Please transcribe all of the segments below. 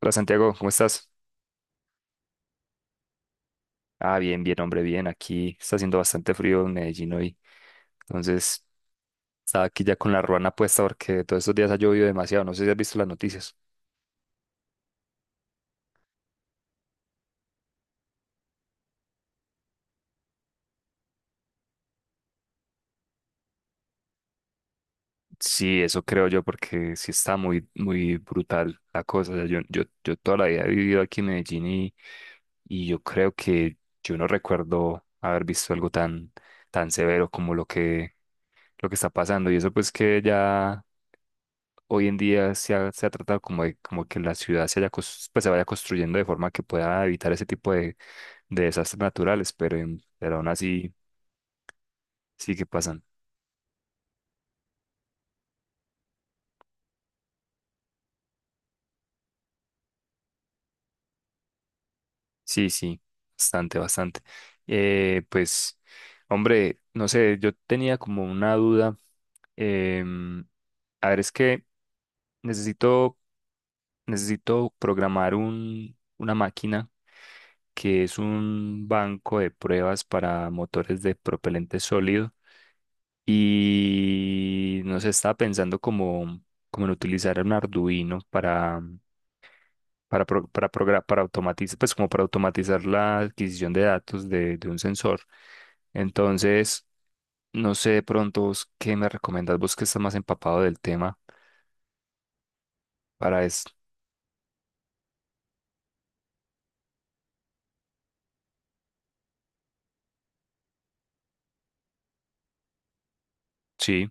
Hola Santiago, ¿cómo estás? Ah, bien, bien, hombre, bien. Aquí está haciendo bastante frío en Medellín hoy. Entonces, estaba aquí ya con la ruana puesta porque todos estos días ha llovido demasiado. No sé si has visto las noticias. Sí, eso creo yo porque sí está muy, muy brutal la cosa. O sea, yo toda la vida he vivido aquí en Medellín y yo creo que yo no recuerdo haber visto algo tan, tan severo como lo lo que está pasando. Y eso pues que ya hoy en día se se ha tratado como de como que la ciudad se, haya, cos- pues, se vaya construyendo de forma que pueda evitar ese tipo de desastres naturales, pero, pero aún así sí que pasan. Sí, sí, bastante, bastante. Eh, pues, hombre, no sé, yo tenía como una duda. em, a ver, es que necesito, necesito programar una máquina que es un banco de pruebas para motores de propelente sólido. Y no sé, estaba pensando como, como en utilizar un Arduino para, para automatizar, pues como para automatizar la adquisición de datos de un sensor. Entonces, no sé de pronto vos qué me recomendás, vos que estás más empapado del tema para eso. Sí.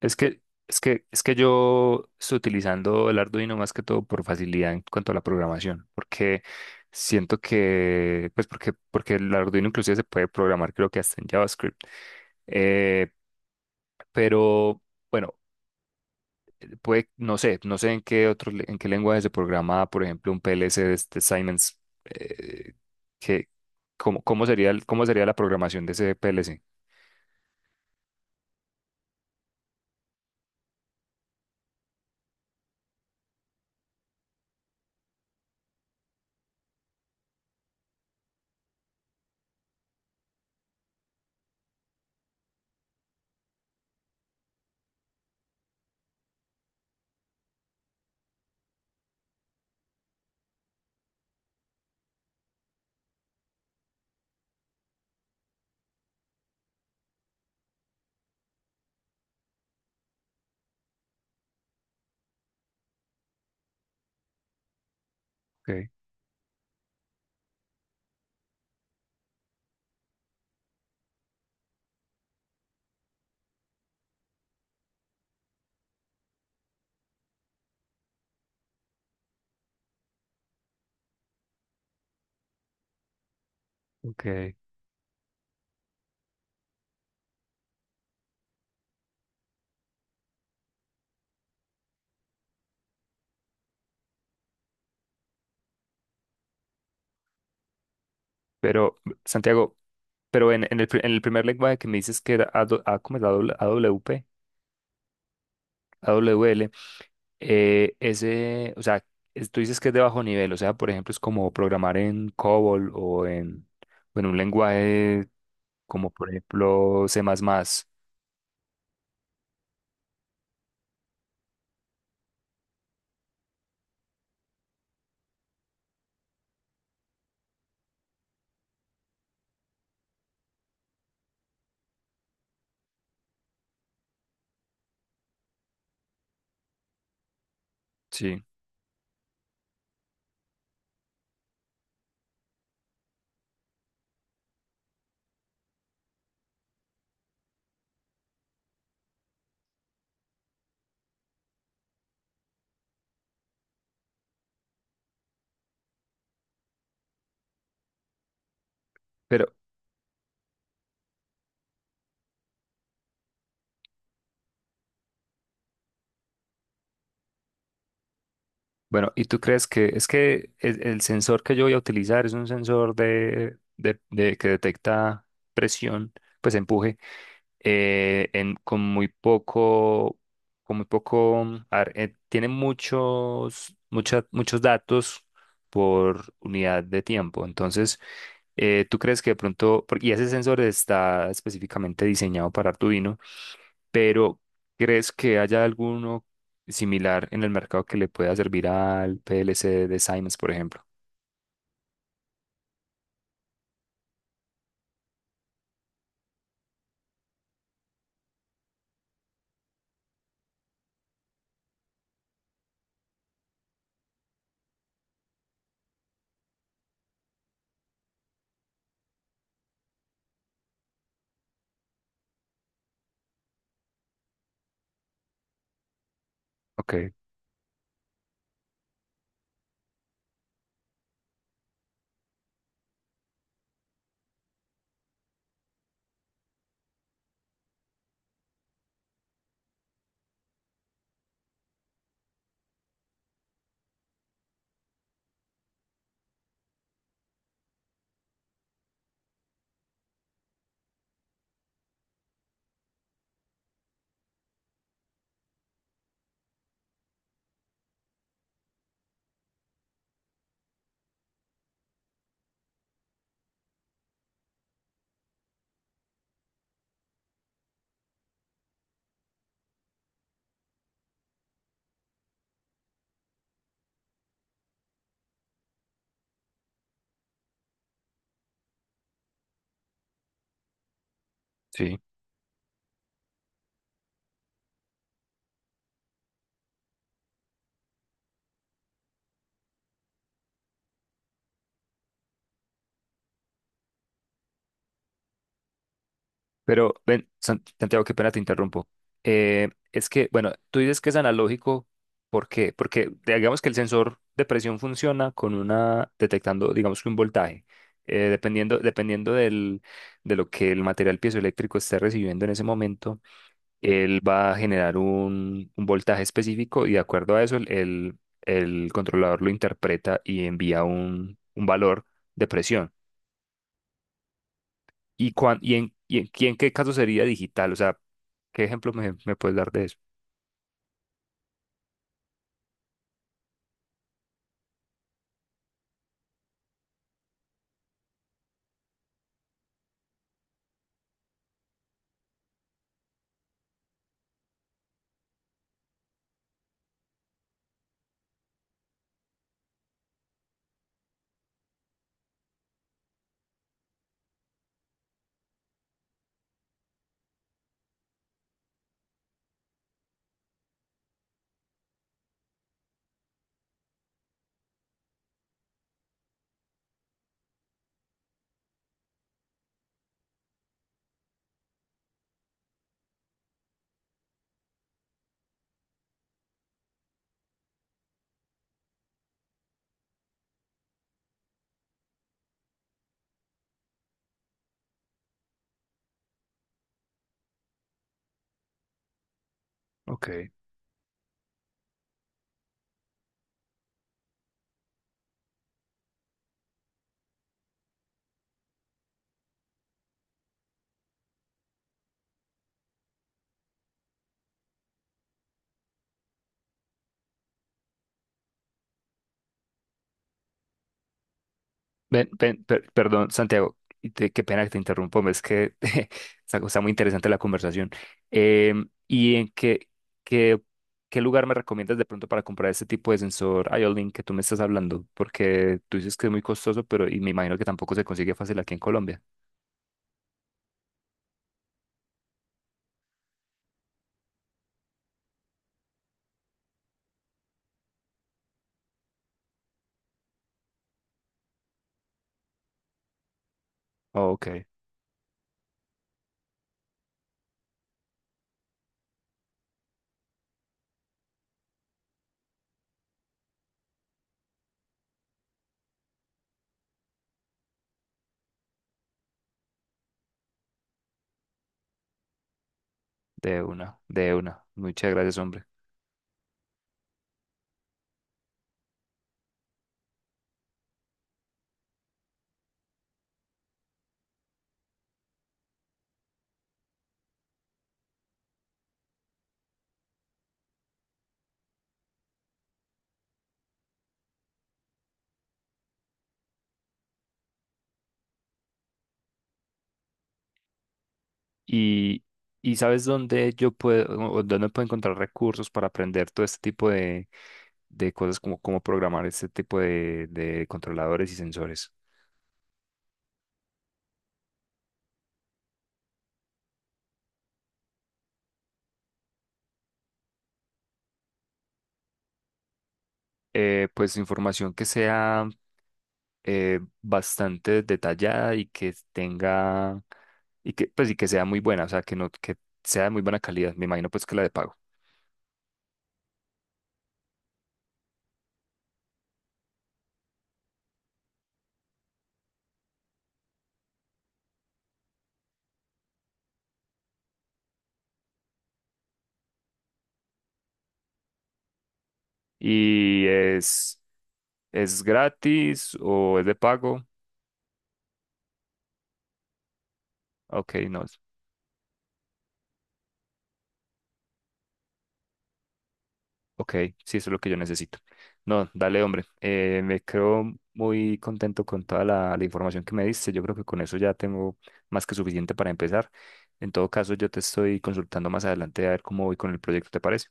Es que, es que yo estoy utilizando el Arduino más que todo por facilidad en cuanto a la programación, porque siento que, porque el Arduino inclusive se puede programar, creo que hasta en JavaScript. Eh, pero bueno, puede, no sé, no sé en qué en qué lenguaje se programa, por ejemplo, un PLC de Siemens, eh, que, cómo, cómo sería la programación de ese PLC. Okay, ok. Pero, Santiago, pero en, en el primer lenguaje que me dices que era AW, ah, ¿cómo es? AW, AWP, AWL, ese, o sea, tú dices que es de bajo nivel, o sea, por ejemplo, es como programar en COBOL o en un lenguaje como, por ejemplo, C++. Sí, pero bueno, ¿y tú crees que es que el sensor que yo voy a utilizar es un sensor que detecta presión, pues empuje? En, con muy poco, a ver, tiene muchos datos por unidad de tiempo. Entonces, tú crees que de y ese sensor está específicamente diseñado para Arduino, pero ¿crees que haya alguno similar en el mercado que le pueda servir al PLC de Siemens, por ejemplo? Ok, sí. Pero, Santiago, qué pena te interrumpo. Es que, bueno, tú dices que es analógico, ¿por qué? Porque digamos que el sensor de presión funciona con una, detectando, digamos que un voltaje, dependiendo del, de lo que el material piezoeléctrico esté recibiendo en ese momento, él va a generar un voltaje específico y de acuerdo a eso el controlador lo interpreta y envía un valor de presión. ¿Y en qué caso sería digital? O sea, ¿qué ejemplo me puedes dar de eso? Ok. Perdón, Santiago, qué pena que te interrumpo, es que está, está muy interesante la conversación. ¿Y en qué, qué, qué lugar me recomiendas de pronto para comprar este tipo de sensor IO-Link que tú me estás hablando? Porque tú dices que es muy costoso, pero y me imagino que tampoco se consigue fácil aquí en Colombia. Ok, de una, de una. Muchas gracias, hombre. Y, y ¿sabes dónde yo puedo o dónde puedo encontrar recursos para aprender todo este tipo de cosas como cómo programar este tipo de controladores y sensores? Pues información que sea bastante detallada y que sea muy buena, o sea, que no, que sea de muy buena calidad. Me imagino pues que la de pago. ¿Y es gratis o es de pago? Ok, no. Ok, sí, eso es lo que yo necesito. No, dale, hombre. Me creo muy contento con toda la, la información que me diste. Yo creo que con eso ya tengo más que suficiente para empezar. En todo caso, yo te estoy consultando más adelante a ver cómo voy con el proyecto, ¿te parece?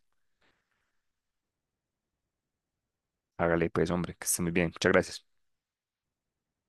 Hágale, pues, hombre, que esté muy bien. Muchas gracias.